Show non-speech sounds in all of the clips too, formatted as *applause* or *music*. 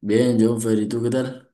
Bien, John Fer, ¿y tú qué tal?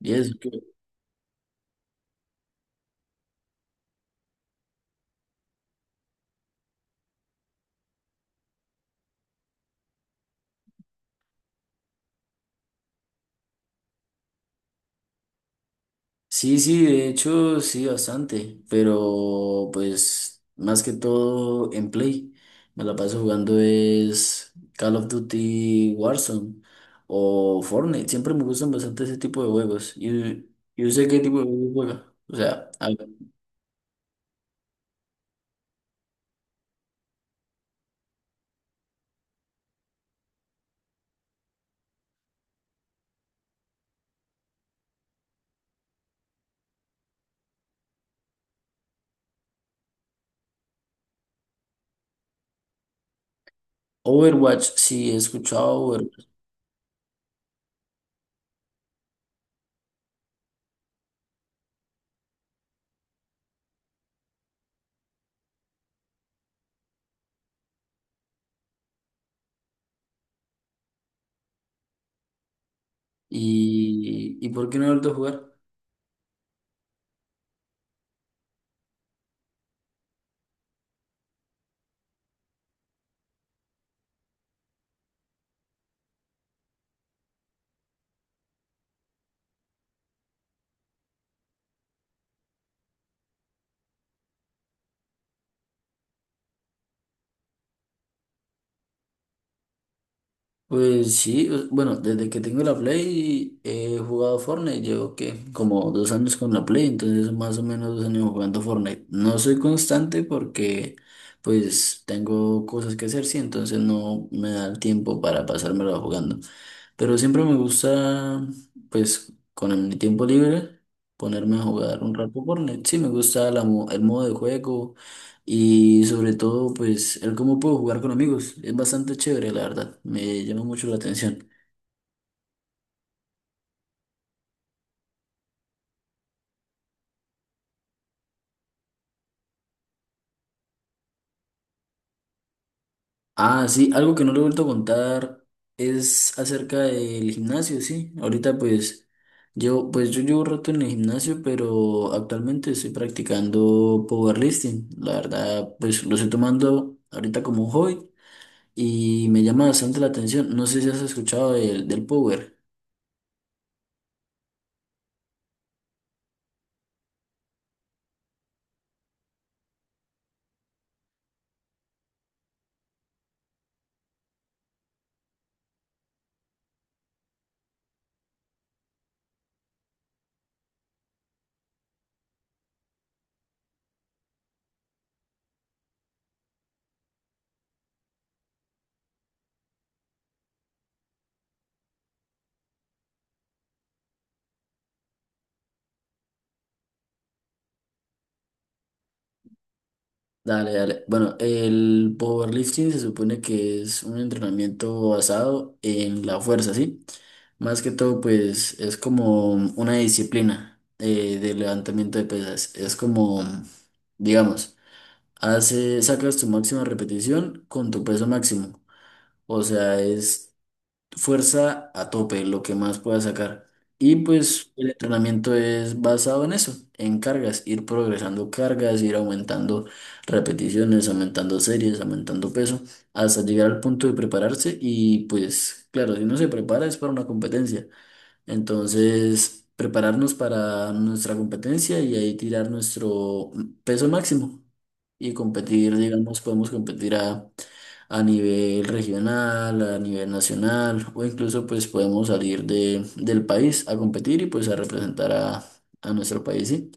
¿Y eso qué? Sí, sí, de hecho, sí, bastante, pero pues más que todo en Play. Me la paso jugando es Call of Duty Warzone o Fortnite. Siempre me gustan bastante ese tipo de juegos. Y yo sé qué tipo de juegos juega. O sea, a ver, Overwatch, sí, he escuchado Overwatch. ¿Y por qué no he vuelto a jugar? Pues sí, bueno, desde que tengo la Play he jugado Fortnite, llevo que como dos años con la Play, entonces más o menos 2 años jugando Fortnite. No soy constante porque pues tengo cosas que hacer, sí, entonces no me da el tiempo para pasármelo jugando. Pero siempre me gusta, pues con mi tiempo libre, ponerme a jugar un rato Fortnite. Sí, me gusta la el modo de juego. Y sobre todo, pues, el cómo puedo jugar con amigos. Es bastante chévere, la verdad. Me llama mucho la atención. Ah, sí, algo que no le he vuelto a contar es acerca del gimnasio, sí. Ahorita, pues, yo llevo rato en el gimnasio, pero actualmente estoy practicando powerlifting. La verdad, pues, lo estoy tomando ahorita como un hobby y me llama bastante la atención. No sé si has escuchado del power. Dale, dale. Bueno, el powerlifting se supone que es un entrenamiento basado en la fuerza, ¿sí? Más que todo, pues es como una disciplina de levantamiento de pesas. Es como, digamos, hace, sacas tu máxima repetición con tu peso máximo. O sea, es fuerza a tope, lo que más pueda sacar. Y pues el entrenamiento es basado en eso, en cargas, ir progresando cargas, ir aumentando repeticiones, aumentando series, aumentando peso, hasta llegar al punto de prepararse. Y pues claro, si no se prepara es para una competencia. Entonces, prepararnos para nuestra competencia y ahí tirar nuestro peso máximo y competir, digamos, podemos competir a nivel regional, a nivel nacional o incluso pues podemos salir del país a competir y pues a representar a nuestro país, ¿sí?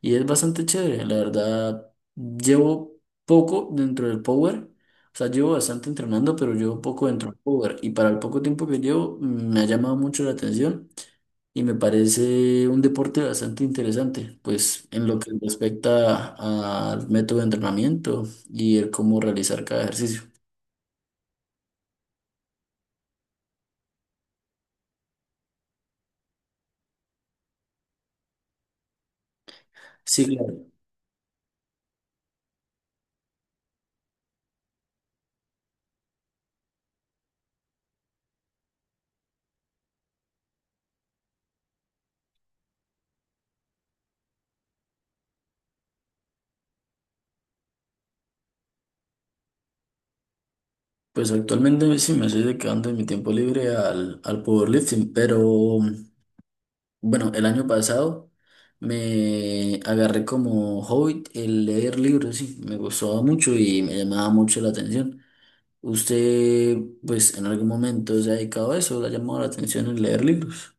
Y es bastante chévere, la verdad, llevo poco dentro del Power. O sea, llevo bastante entrenando, pero llevo poco dentro del power. Y para el poco tiempo que llevo, me ha llamado mucho la atención y me parece un deporte bastante interesante, pues en lo que respecta al método de entrenamiento y el cómo realizar cada ejercicio. Sí, claro. Pues actualmente sí me estoy dedicando en mi tiempo libre al powerlifting, pero bueno, el año pasado me agarré como hobby el leer libros, sí, me gustaba mucho y me llamaba mucho la atención. ¿Usted, pues, en algún momento se ha dedicado a eso? ¿Le ha llamado la atención el leer libros?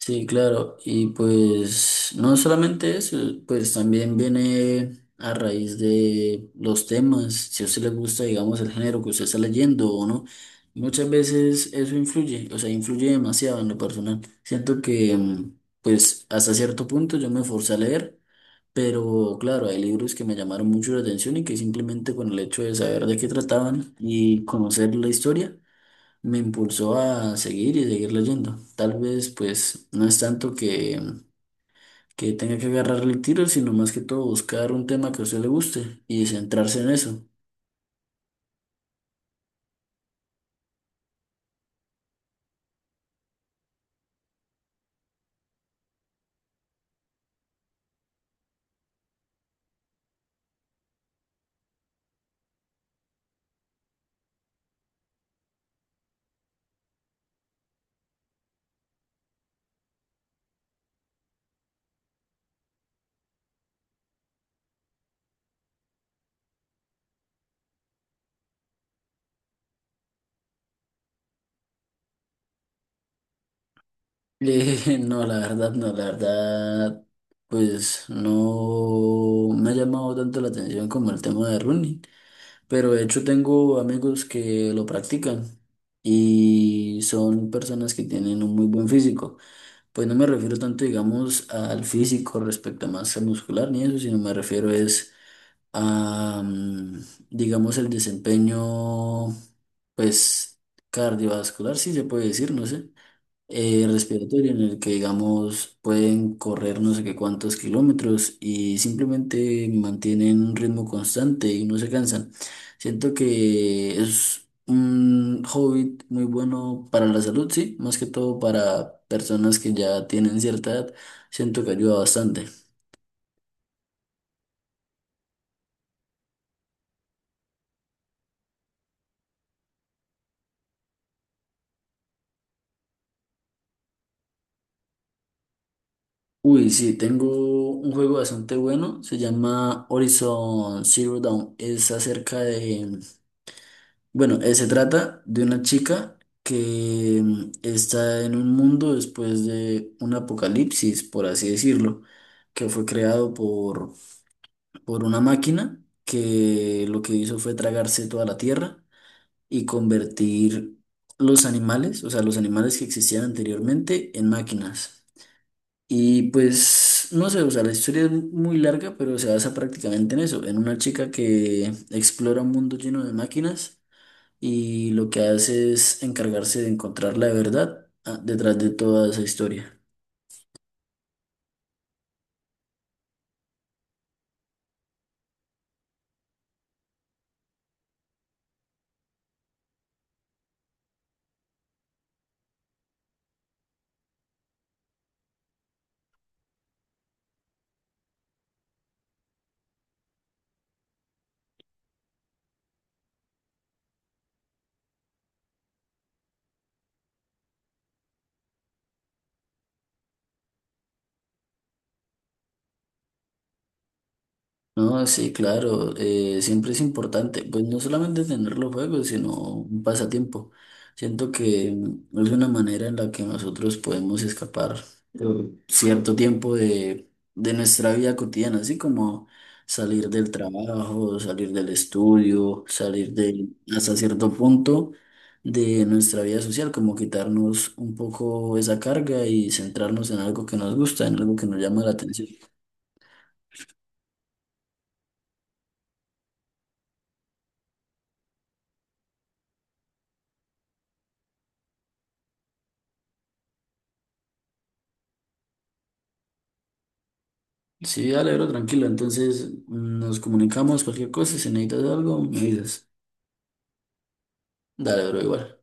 Sí, claro. Y pues no solamente eso, pues también viene a raíz de los temas, si a usted le gusta, digamos, el género que usted está leyendo o no. Muchas veces eso influye, o sea, influye demasiado en lo personal. Siento que, pues, hasta cierto punto yo me forcé a leer, pero claro, hay libros que me llamaron mucho la atención y que simplemente con el hecho de saber de qué trataban y conocer la historia, me impulsó a seguir y seguir leyendo. Tal vez, pues, no es tanto que tenga que agarrarle el tiro, sino más que todo buscar un tema que a usted le guste y centrarse en eso. *laughs* No, la verdad, no, la verdad, pues no me ha llamado tanto la atención como el tema de running, pero de hecho tengo amigos que lo practican y son personas que tienen un muy buen físico. Pues no me refiero tanto, digamos, al físico respecto a masa muscular ni eso, sino me refiero es a, mm, digamos, el desempeño, pues, cardiovascular, si se puede decir, no sé respiratorio en el que, digamos, pueden correr no sé qué cuántos kilómetros y simplemente mantienen un ritmo constante y no se cansan. Siento que es un hobby muy bueno para la salud, sí, más que todo para personas que ya tienen cierta edad. Siento que ayuda bastante. Uy, sí, tengo un juego bastante bueno, se llama Horizon Zero Dawn, es acerca de bueno, se trata de una chica que está en un mundo después de un apocalipsis, por así decirlo, que fue creado por una máquina que lo que hizo fue tragarse toda la tierra y convertir los animales, o sea, los animales que existían anteriormente, en máquinas. Y pues, no sé, o sea, la historia es muy larga, pero se basa prácticamente en eso, en una chica que explora un mundo lleno de máquinas y lo que hace es encargarse de encontrar la verdad ah, detrás de toda esa historia. No, sí, claro, siempre es importante, pues no solamente tener los juegos, sino un pasatiempo. Siento que es una manera en la que nosotros podemos escapar eh, cierto tiempo de nuestra vida cotidiana, así como salir del trabajo, salir del estudio, salir de, hasta cierto punto de nuestra vida social, como quitarnos un poco esa carga y centrarnos en algo que nos gusta, en algo que nos llama la atención. Sí, dale, bro, tranquilo. Entonces nos comunicamos, cualquier cosa, si necesitas algo, me dices. Dale, bro, igual.